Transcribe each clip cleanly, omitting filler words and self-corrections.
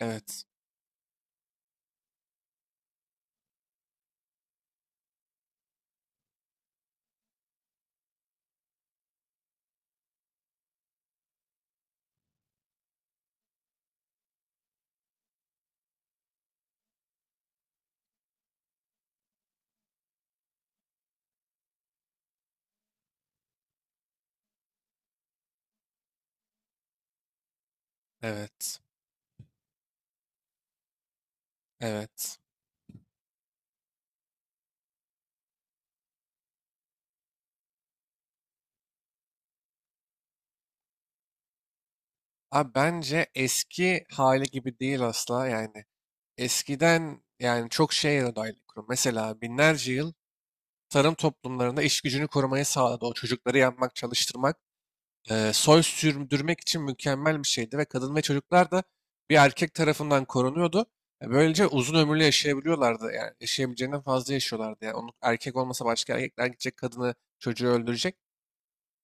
Evet, evet, evet. Abi bence eski hali gibi değil asla yani. Eskiden yani çok şeye dair kurum. Mesela binlerce yıl tarım toplumlarında iş gücünü korumayı sağladı. O çocukları yapmak, çalıştırmak, soy sürdürmek için mükemmel bir şeydi ve kadın ve çocuklar da bir erkek tarafından korunuyordu. Böylece uzun ömürlü yaşayabiliyorlardı. Yani yaşayabileceğinden fazla yaşıyorlardı. Yani onun erkek olmasa başka erkekler gidecek kadını, çocuğu öldürecek.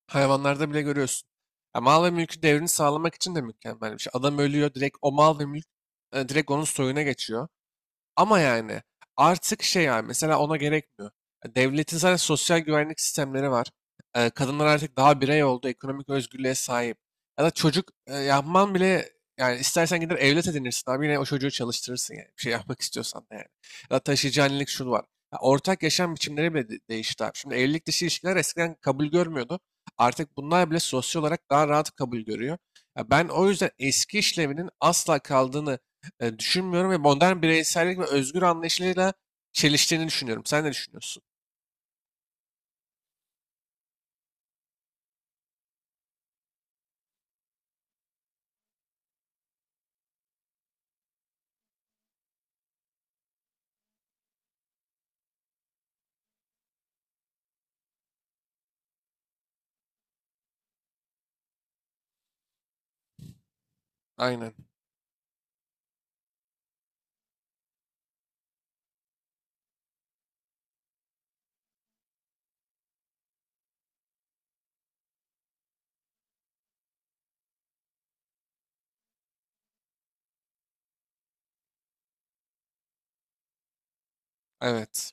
Hayvanlarda bile görüyorsun. Ya mal ve mülkün devrini sağlamak için de mükemmel bir şey. Adam ölüyor direkt o mal ve mülk direkt onun soyuna geçiyor. Ama yani artık şey yani mesela ona gerekmiyor. Ya Devletin zaten sosyal güvenlik sistemleri var. Kadınlar artık daha birey oldu, ekonomik özgürlüğe sahip. Ya da çocuk yapman bile yani istersen gider evlat edinirsin abi yine o çocuğu çalıştırırsın yani. Bir şey yapmak istiyorsan da yani. Ya da taşıyıcı annelik şu var. Ya ortak yaşam biçimleri bile değişti abi. Şimdi evlilik dışı ilişkiler eskiden kabul görmüyordu. Artık bunlar bile sosyal olarak daha rahat kabul görüyor. Ya ben o yüzden eski işlevinin asla kaldığını düşünmüyorum ve modern bireysellik ve özgür anlayışıyla çeliştiğini düşünüyorum. Sen ne düşünüyorsun? Aynen. Evet.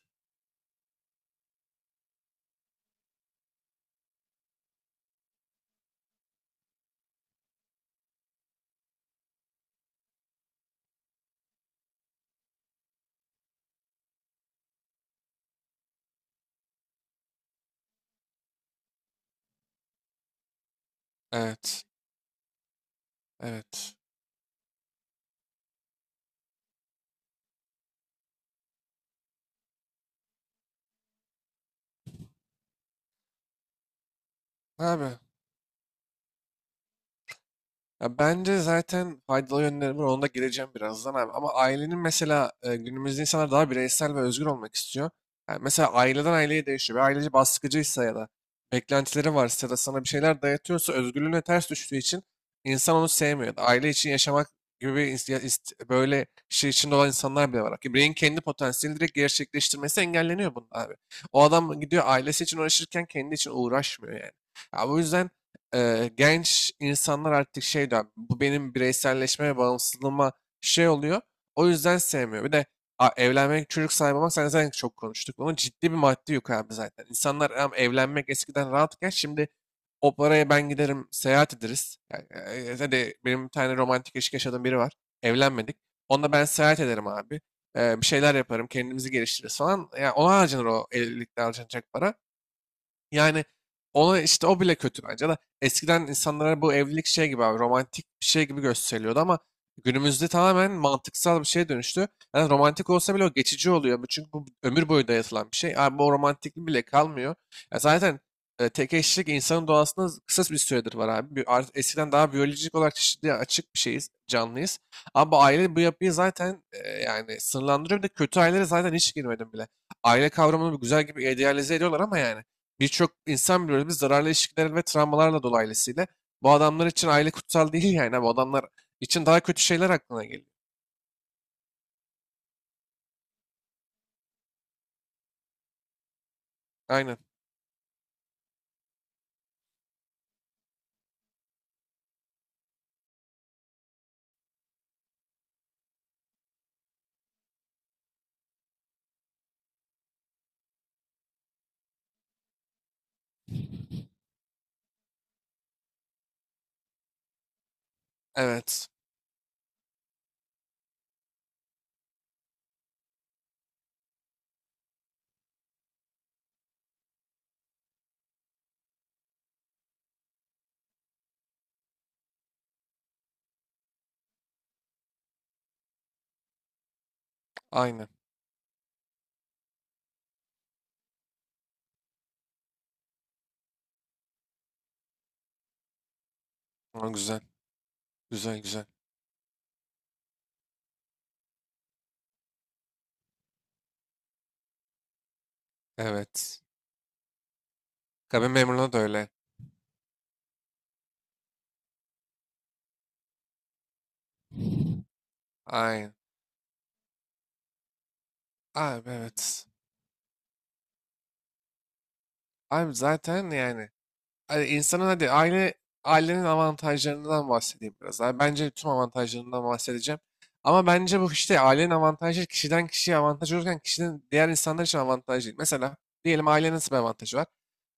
Evet. Evet. Abi. Ya bence zaten faydalı yönleri var. Ona da gireceğim birazdan abi. Ama ailenin mesela günümüzde insanlar daha bireysel ve özgür olmak istiyor. Yani mesela aileden aileye değişiyor. Bir aileci baskıcıysa ya da beklentileri varsa ya da sana bir şeyler dayatıyorsa özgürlüğüne ters düştüğü için insan onu sevmiyor. Aile için yaşamak gibi bir böyle şey içinde olan insanlar bile var. Ki bireyin kendi potansiyelini direkt gerçekleştirmesi engelleniyor bunun abi. O adam gidiyor ailesi için uğraşırken kendi için uğraşmıyor yani. Ya bu yüzden genç insanlar artık şey diyor, bu benim bireyselleşme ve bağımsızlığıma şey oluyor. O yüzden sevmiyor. Bir de evlenmek, çocuk sahibi olmak sen zaten çok konuştuk. Bunun ciddi bir maddi yük abi zaten. İnsanlar evlenmek eskiden rahatken şimdi o paraya ben giderim seyahat ederiz. Yani, hadi benim bir tane romantik ilişki yaşadığım biri var. Evlenmedik. Onunla ben seyahat ederim abi. Bir şeyler yaparım, kendimizi geliştiririz falan. Yani ona harcanır o evlilikte harcanacak para. Yani ona işte o bile kötü bence de. Eskiden insanlara bu evlilik şey gibi abi romantik bir şey gibi gösteriliyordu ama günümüzde tamamen mantıksal bir şeye dönüştü. Yani romantik olsa bile o geçici oluyor. Bu çünkü bu ömür boyu dayatılan bir şey. Abi bu romantiklik bile kalmıyor. Ya zaten tek eşlik insanın doğasında kısa bir süredir var abi. Eskiden daha biyolojik olarak çeşitliğe açık bir şeyiz, canlıyız. Ama bu aile bu yapıyı zaten yani sınırlandırıyor. Bir de kötü ailelere zaten hiç girmedim bile. Aile kavramını güzel gibi idealize ediyorlar ama yani. Birçok insan biliyoruz biz zararlı ilişkiler ve travmalarla dolayısıyla bu adamlar için aile kutsal değil yani. Bu adamlar için daha kötü şeyler aklına geliyor. Aynen. Evet. Aynen. Aa, güzel. Güzel, güzel. Evet. Kabin memuruna da öyle. Aynen. Abi, evet. Abi zaten yani hani insanın hadi ailenin avantajlarından bahsedeyim biraz. Abi. Bence tüm avantajlarından bahsedeceğim. Ama bence bu işte ailenin avantajı kişiden kişiye avantaj olurken kişinin diğer insanlar için avantaj değil. Mesela diyelim ailenin nasıl bir avantajı var?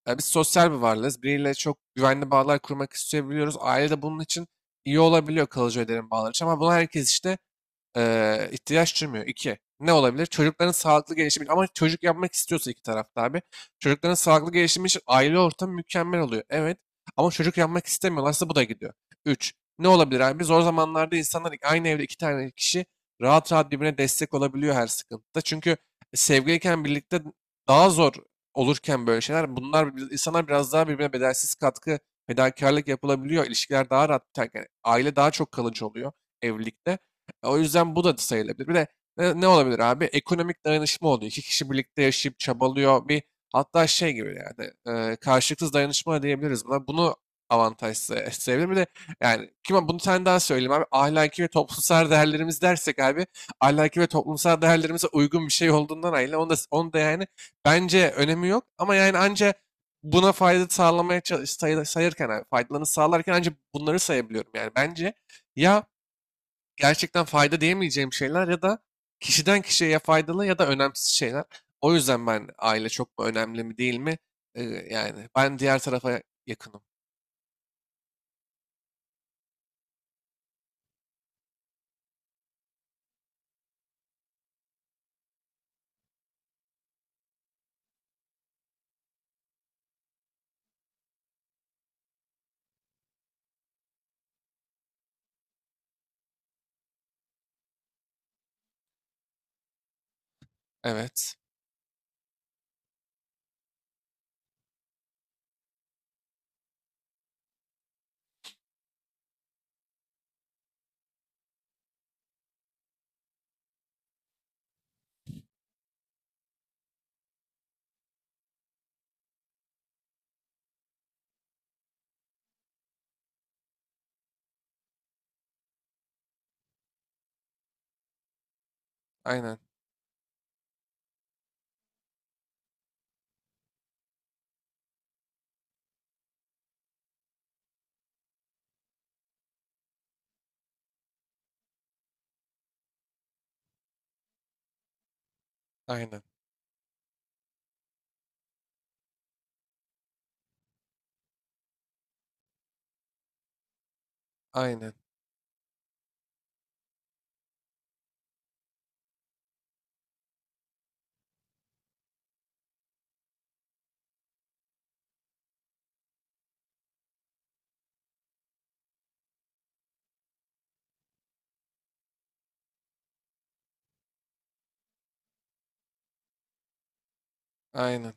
Ya biz sosyal bir varlığız. Biriyle çok güvenli bağlar kurmak isteyebiliyoruz. Aile de bunun için iyi olabiliyor kalıcı öderim bağlar için. Ama bunu herkes işte ihtiyaç duymuyor. İki, ne olabilir? Çocukların sağlıklı gelişimi için, ama çocuk yapmak istiyorsa iki tarafta abi. Çocukların sağlıklı gelişimi için aile ortamı mükemmel oluyor. Evet, ama çocuk yapmak istemiyorlarsa bu da gidiyor. Üç, ne olabilir abi? Zor zamanlarda insanlar aynı evde iki tane kişi rahat rahat birbirine destek olabiliyor her sıkıntıda. Çünkü sevgiliyken birlikte daha zor olurken böyle şeyler bunlar insanlar biraz daha birbirine bedelsiz katkı, fedakarlık yapılabiliyor. İlişkiler daha rahat biterken aile daha çok kalıcı oluyor evlilikte. O yüzden bu da sayılabilir. Bir de ne olabilir abi? Ekonomik dayanışma oluyor. İki kişi birlikte yaşayıp çabalıyor. Bir hatta şey gibi yani karşılıksız dayanışma diyebiliriz buna. Bunu avantaj sayabilir. Bir de yani kime bunu bir tane daha söyleyeyim abi. Ahlaki ve toplumsal değerlerimiz dersek abi ahlaki ve toplumsal değerlerimize uygun bir şey olduğundan ayrı. Onu da yani bence önemi yok ama yani anca buna fayda sağlamaya sayırken abi, faydalarını sağlarken ancak bunları sayabiliyorum. Yani bence ya gerçekten fayda diyemeyeceğim şeyler ya da kişiden kişiye ya faydalı ya da önemsiz şeyler. O yüzden ben aile çok mu önemli mi değil mi? Ee, Yani ben diğer tarafa yakınım. Evet. Aynen. Aynen. Aynen. Aynen.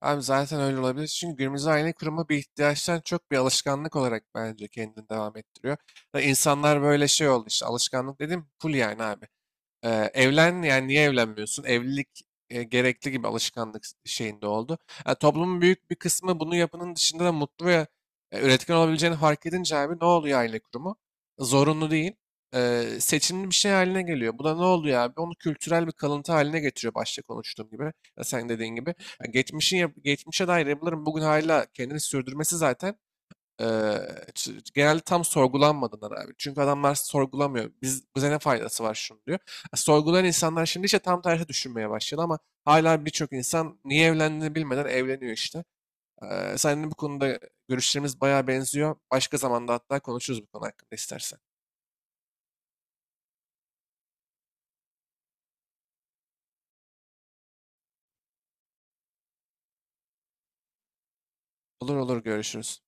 Abi zaten öyle olabilir. Çünkü günümüzde aile kurma bir ihtiyaçtan çok bir alışkanlık olarak bence kendini devam ettiriyor. Ve insanlar böyle şey oldu işte alışkanlık dedim full yani abi. Evlen yani niye evlenmiyorsun? Evlilik gerekli gibi alışkanlık şeyinde oldu. Yani toplumun büyük bir kısmı bunu yapının dışında da mutlu ve üretken olabileceğini fark edince abi ne oluyor aile kurumu? Zorunlu değil. Seçimli bir şey haline geliyor. Bu da ne oluyor abi? Onu kültürel bir kalıntı haline getiriyor başta konuştuğum gibi. Ya sen dediğin gibi. Ya geçmişe dair yapıların bugün hala kendini sürdürmesi zaten Eee, genelde tam sorgulanmadığından abi. Çünkü adamlar sorgulamıyor. Biz, bize ne faydası var şunu diyor. Sorgulayan insanlar şimdi işte tam tersi düşünmeye başladı ama hala birçok insan niye evlendiğini bilmeden evleniyor işte. Seninle bu konuda görüşlerimiz bayağı benziyor. Başka zamanda hatta konuşuruz bu konu hakkında istersen. Olur, olur, görüşürüz.